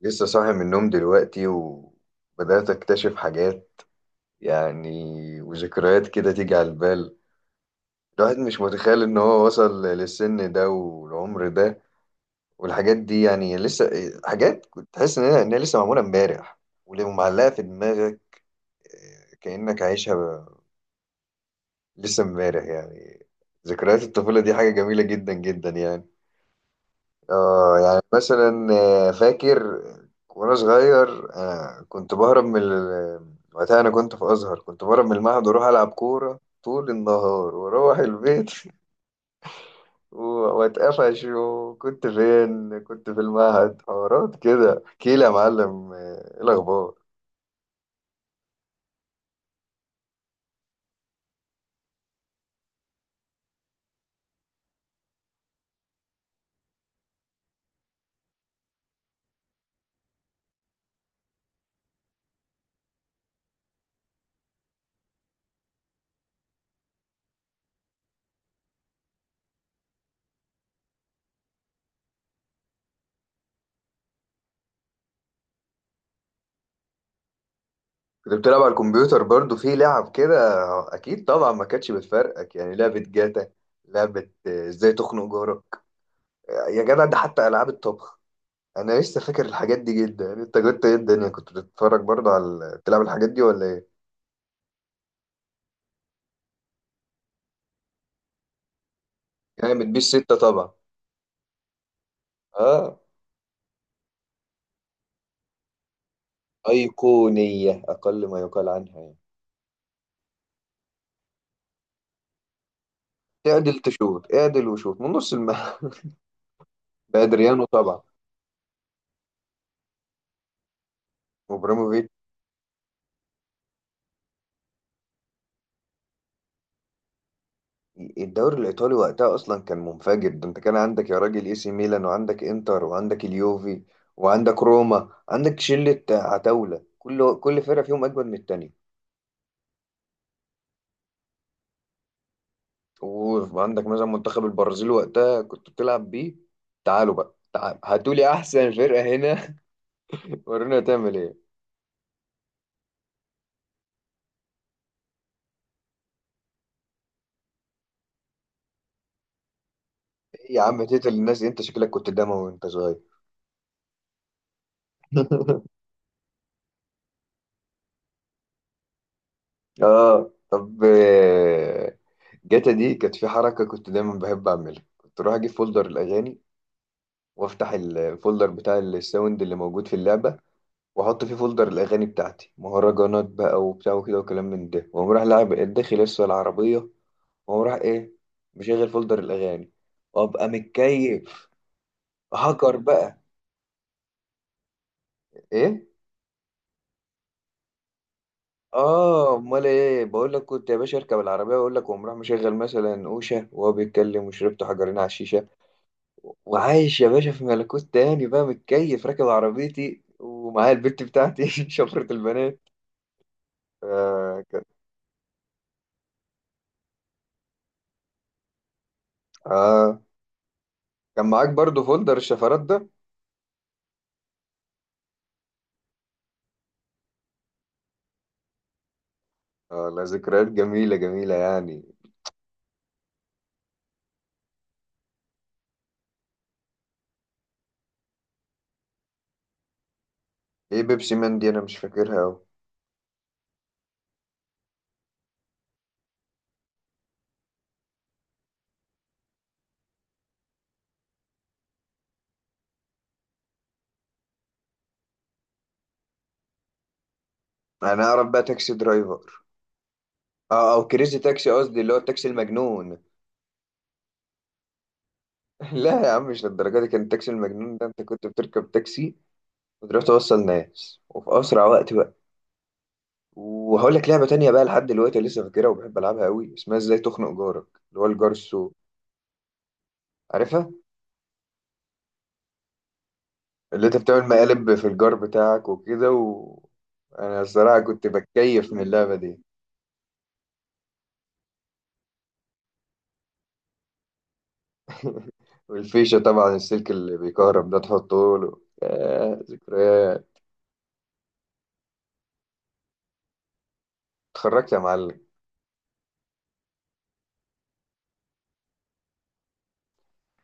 لسه صاحي من النوم دلوقتي وبدأت أكتشف حاجات. يعني وذكريات كده تيجي على البال. الواحد مش متخيل إن هو وصل للسن ده والعمر ده والحاجات دي يعني لسه حاجات كنت تحس إن هي لسه معمولة إمبارح ومعلقة في دماغك، كأنك عايشها لسه إمبارح يعني. ذكريات الطفولة دي حاجة جميلة جدا جدا يعني. اه يعني مثلا فاكر وانا صغير، كنت بهرب وقتها انا كنت في ازهر، كنت بهرب من المعهد واروح العب كوره طول النهار واروح البيت و- واتقفش، وكنت فين؟ كنت في المعهد. حوارات كده، احكيلي يا معلم، ايه الاخبار؟ كنت بتلعب على الكمبيوتر برضو في لعب كده؟ اكيد طبعا، ما كانتش بتفرقك يعني لعبه جاتا، لعبه ازاي تخنق جارك، يا جدع، ده حتى العاب الطبخ انا لسه فاكر الحاجات دي جدا. يعني انت كنت ايه؟ الدنيا كنت بتتفرج برضه بتلعب الحاجات دي ولا ايه؟ يعني بتبيس ستة طبعا. اه، ايقونية اقل ما يقال عنها يعني. اعدل تشوت، اعدل وشوت من نص الملعب. بادريانو طبعا، وابراهيموفيتش. الدوري الايطالي وقتها اصلا كان منفجر. ده انت كان عندك يا راجل اي سي ميلان، وعندك انتر، وعندك اليوفي، وعندك روما، عندك شلة عتاولة، كل فرقة فيهم اجمد من التانية. وعندك مثلا منتخب البرازيل وقتها كنت بتلعب بيه. تعالوا بقى، تعالوا هاتوا لي احسن فرقه هنا. ورونا تعمل ايه؟ إيه يا عم تقتل الناس دي؟ انت شكلك كنت دموي وانت صغير. اه طب جاتا دي كانت في حركه كنت دايما بحب اعملها. كنت اروح اجيب فولدر الاغاني، وافتح الفولدر بتاع الساوند اللي موجود في اللعبه، واحط فيه فولدر الاغاني بتاعتي، مهرجانات بقى وبتاع وكده وكلام من ده، واقوم رايح لاعب داخل لسه العربيه، وهو راح ايه؟ مشغل فولدر الاغاني، وابقى متكيف. هاكر بقى. ايه؟ اه، امال ايه؟ بقول لك كنت يا باشا اركب العربيه واقول لك، وقوم راح مشغل مثلا اوشه وهو بيتكلم، وشربت حجرين على الشيشه، وعايش يا باشا في ملكوت تاني، بقى متكيف راكب عربيتي ومعايا البت بتاعتي. شفرة البنات، آه كان. اه، كان معاك برضو فولدر الشفرات ده. اه، لا ذكريات جميله جميله يعني. ايه بيبسي مان دي؟ انا مش فاكرها أوي. انا اعرف بقى تاكسي درايفر، اه او كريزي تاكسي قصدي، اللي هو التاكسي المجنون. لا يا عم مش للدرجه دي. كان التاكسي المجنون ده انت كنت بتركب تاكسي وتروح توصل ناس وفي اسرع وقت بقى. وهقول لك لعبه تانية بقى لحد دلوقتي لسه فاكرها وبحب العبها قوي، اسمها ازاي تخنق جارك، اللي هو الجار السوء. عارفها؟ اللي انت بتعمل مقالب في الجار بتاعك وكده انا الصراحه كنت بتكيف من اللعبه دي. والفيشه طبعا، السلك اللي بيكهرب ده تحطه له. يا ذكريات. اتخرجت يا معلم.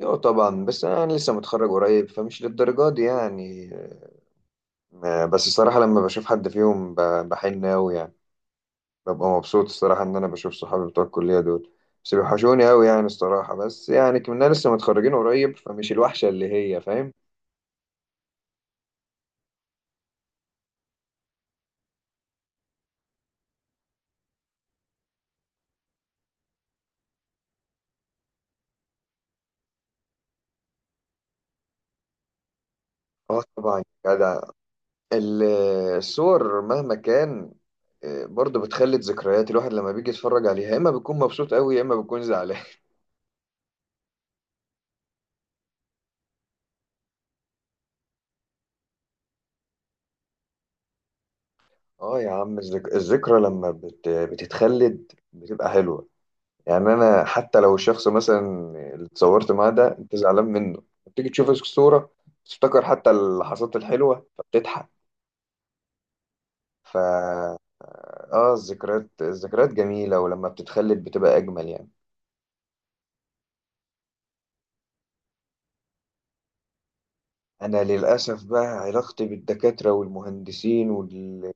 ايوه طبعا، بس انا لسه متخرج قريب فمش للدرجه دي يعني. بس الصراحه لما بشوف حد فيهم بحن قوي يعني. ببقى مبسوط الصراحه ان انا بشوف صحابي بتوع الكليه دول. بس بيوحشوني قوي يعني الصراحه، بس يعني كنا لسه متخرجين قريب فمش الوحشه اللي هي فاهم. اه طبعا يا جدع. ال- الصور مهما كان برضه بتخلد ذكريات الواحد. لما بيجي يتفرج عليها يا اما بيكون مبسوط قوي يا اما بيكون زعلان. اه يا عم، الذكرى لما بتتخلد بتبقى حلوه يعني. انا حتى لو الشخص مثلا اللي اتصورت معاه ده انت زعلان منه، بتيجي تشوف الصورة تفتكر حتى اللحظات الحلوة فبتضحك. فا اه، الذكريات جميلة، ولما بتتخلد بتبقى أجمل يعني. أنا للأسف بقى علاقتي بالدكاترة والمهندسين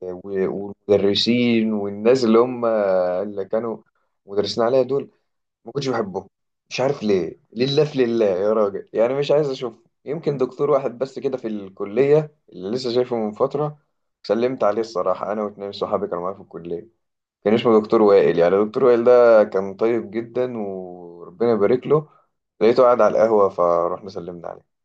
والمدرسين والناس اللي هم اللي كانوا مدرسين عليا دول ما كنتش بحبه. مش عارف ليه، لله في لله يا راجل يعني مش عايز اشوفه. يمكن دكتور واحد بس كده في الكلية اللي لسه شايفه من فترة، سلمت عليه الصراحة أنا واتنين صحابي كانوا معايا في الكلية. كان اسمه دكتور وائل، يعني دكتور وائل ده كان طيب جدا وربنا يبارك له. لقيته قاعد على القهوة فروحنا سلمنا عليه.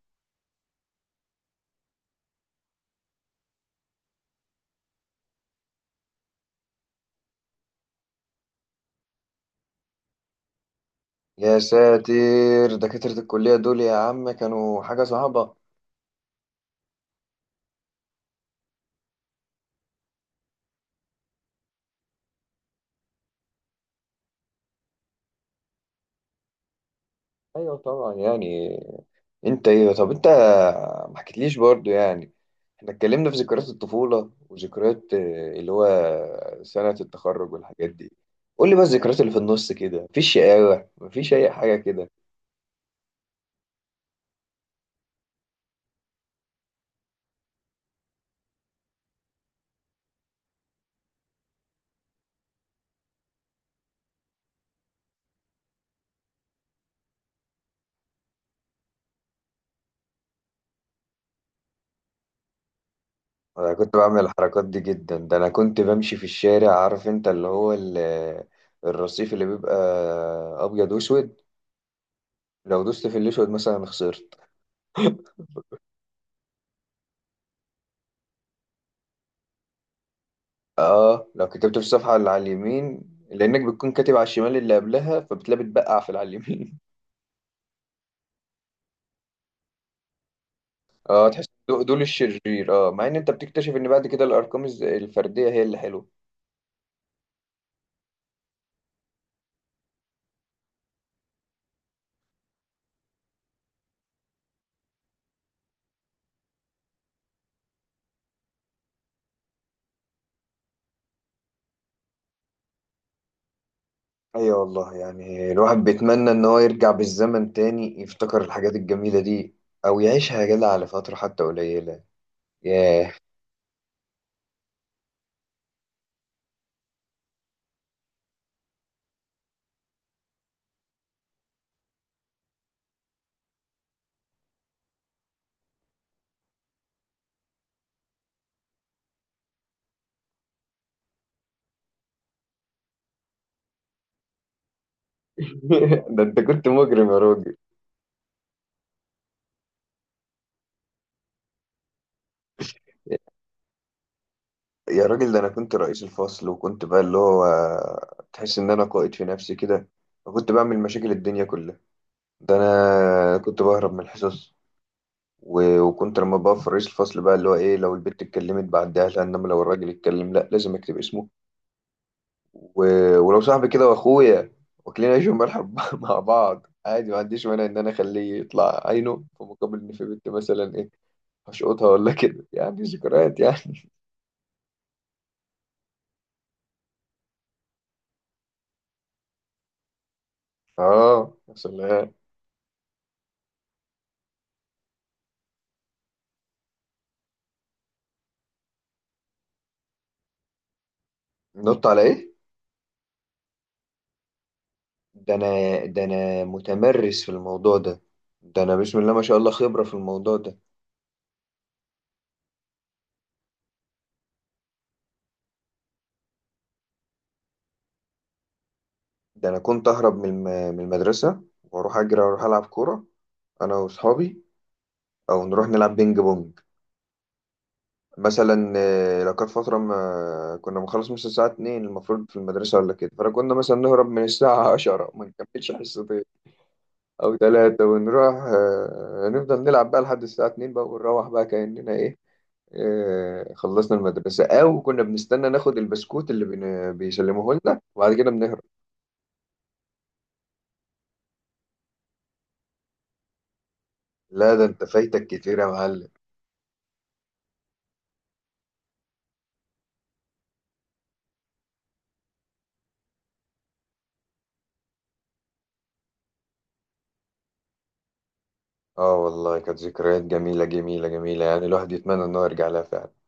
يا ساتر، دكاترة الكلية دول يا عم كانوا حاجة صعبة. أيوة طبعا يعني. انت ايه؟ طب انت ما حكيتليش برضو يعني. احنا اتكلمنا في ذكريات الطفولة وذكريات اللي هو سنة التخرج والحاجات دي. قول لي بقى الذكريات اللي في النص كده، مفيش شقاوة؟ مفيش اي حاجة كده؟ انا كنت بعمل الحركات دي جدا. ده انا كنت بمشي في الشارع، عارف انت اللي هو الرصيف اللي بيبقى ابيض واسود، لو دوست في الاسود مثلا خسرت. اه، لو كتبت في الصفحة اللي على اليمين، لانك بتكون كاتب على الشمال اللي قبلها فبتلاقي بتبقع في اللي على اليمين. اه تحس دول الشرير. اه، مع ان انت بتكتشف ان بعد كده الارقام الفرديه هي اللي حلوه. ايوه والله، يعني الواحد بيتمنى ان هو يرجع بالزمن تاني يفتكر الحاجات الجميلة دي، او يعيشها يا جدع على فترة حتى قليلة. ياه. ده انت كنت مجرم يا راجل. يا راجل ده انا كنت رئيس الفصل، وكنت بقى اللي هو تحس ان انا قائد في نفسي كده، وكنت بعمل مشاكل الدنيا كلها. ده انا كنت بهرب من الحصص. وكنت لما بقى في رئيس الفصل، بقى اللي هو ايه، لو البت اتكلمت بعديها لها، انما لو الراجل اتكلم لا لازم اكتب اسمه. و... ولو صاحبي كده واخويا واكلين عيش وملح مع بعض عادي ما عنديش مانع ان انا اخليه يطلع عينه، في مقابل ان في بنت مثلا ايه هشقطها ولا كده، يعني ذكريات يعني. اه يا سلام. نط على ايه؟ ده انا ده انا متمرس في الموضوع ده. ده انا بسم الله ما شاء الله خبرة في الموضوع ده. ده انا كنت اهرب من من المدرسه، واروح اجري واروح العب كوره انا واصحابي، او نروح نلعب بينج بونج مثلا. لو كانت فتره ما كنا بنخلص مثلا الساعه 2 المفروض في المدرسه ولا كده، فكنا مثلا نهرب من الساعه 10، ما نكملش حصتين او ثلاثه، ونروح نفضل نلعب بقى لحد الساعه 2 بقى، ونروح بقى كاننا ايه، خلصنا المدرسة. أو كنا بنستنى ناخد البسكوت اللي بيسلموه لنا وبعد كده بنهرب. لا ده أنت فايتك كتير يا معلم. اه والله كانت ذكريات جميلة جميلة جميلة يعني، الواحد يتمنى انه يرجع لها فعلا.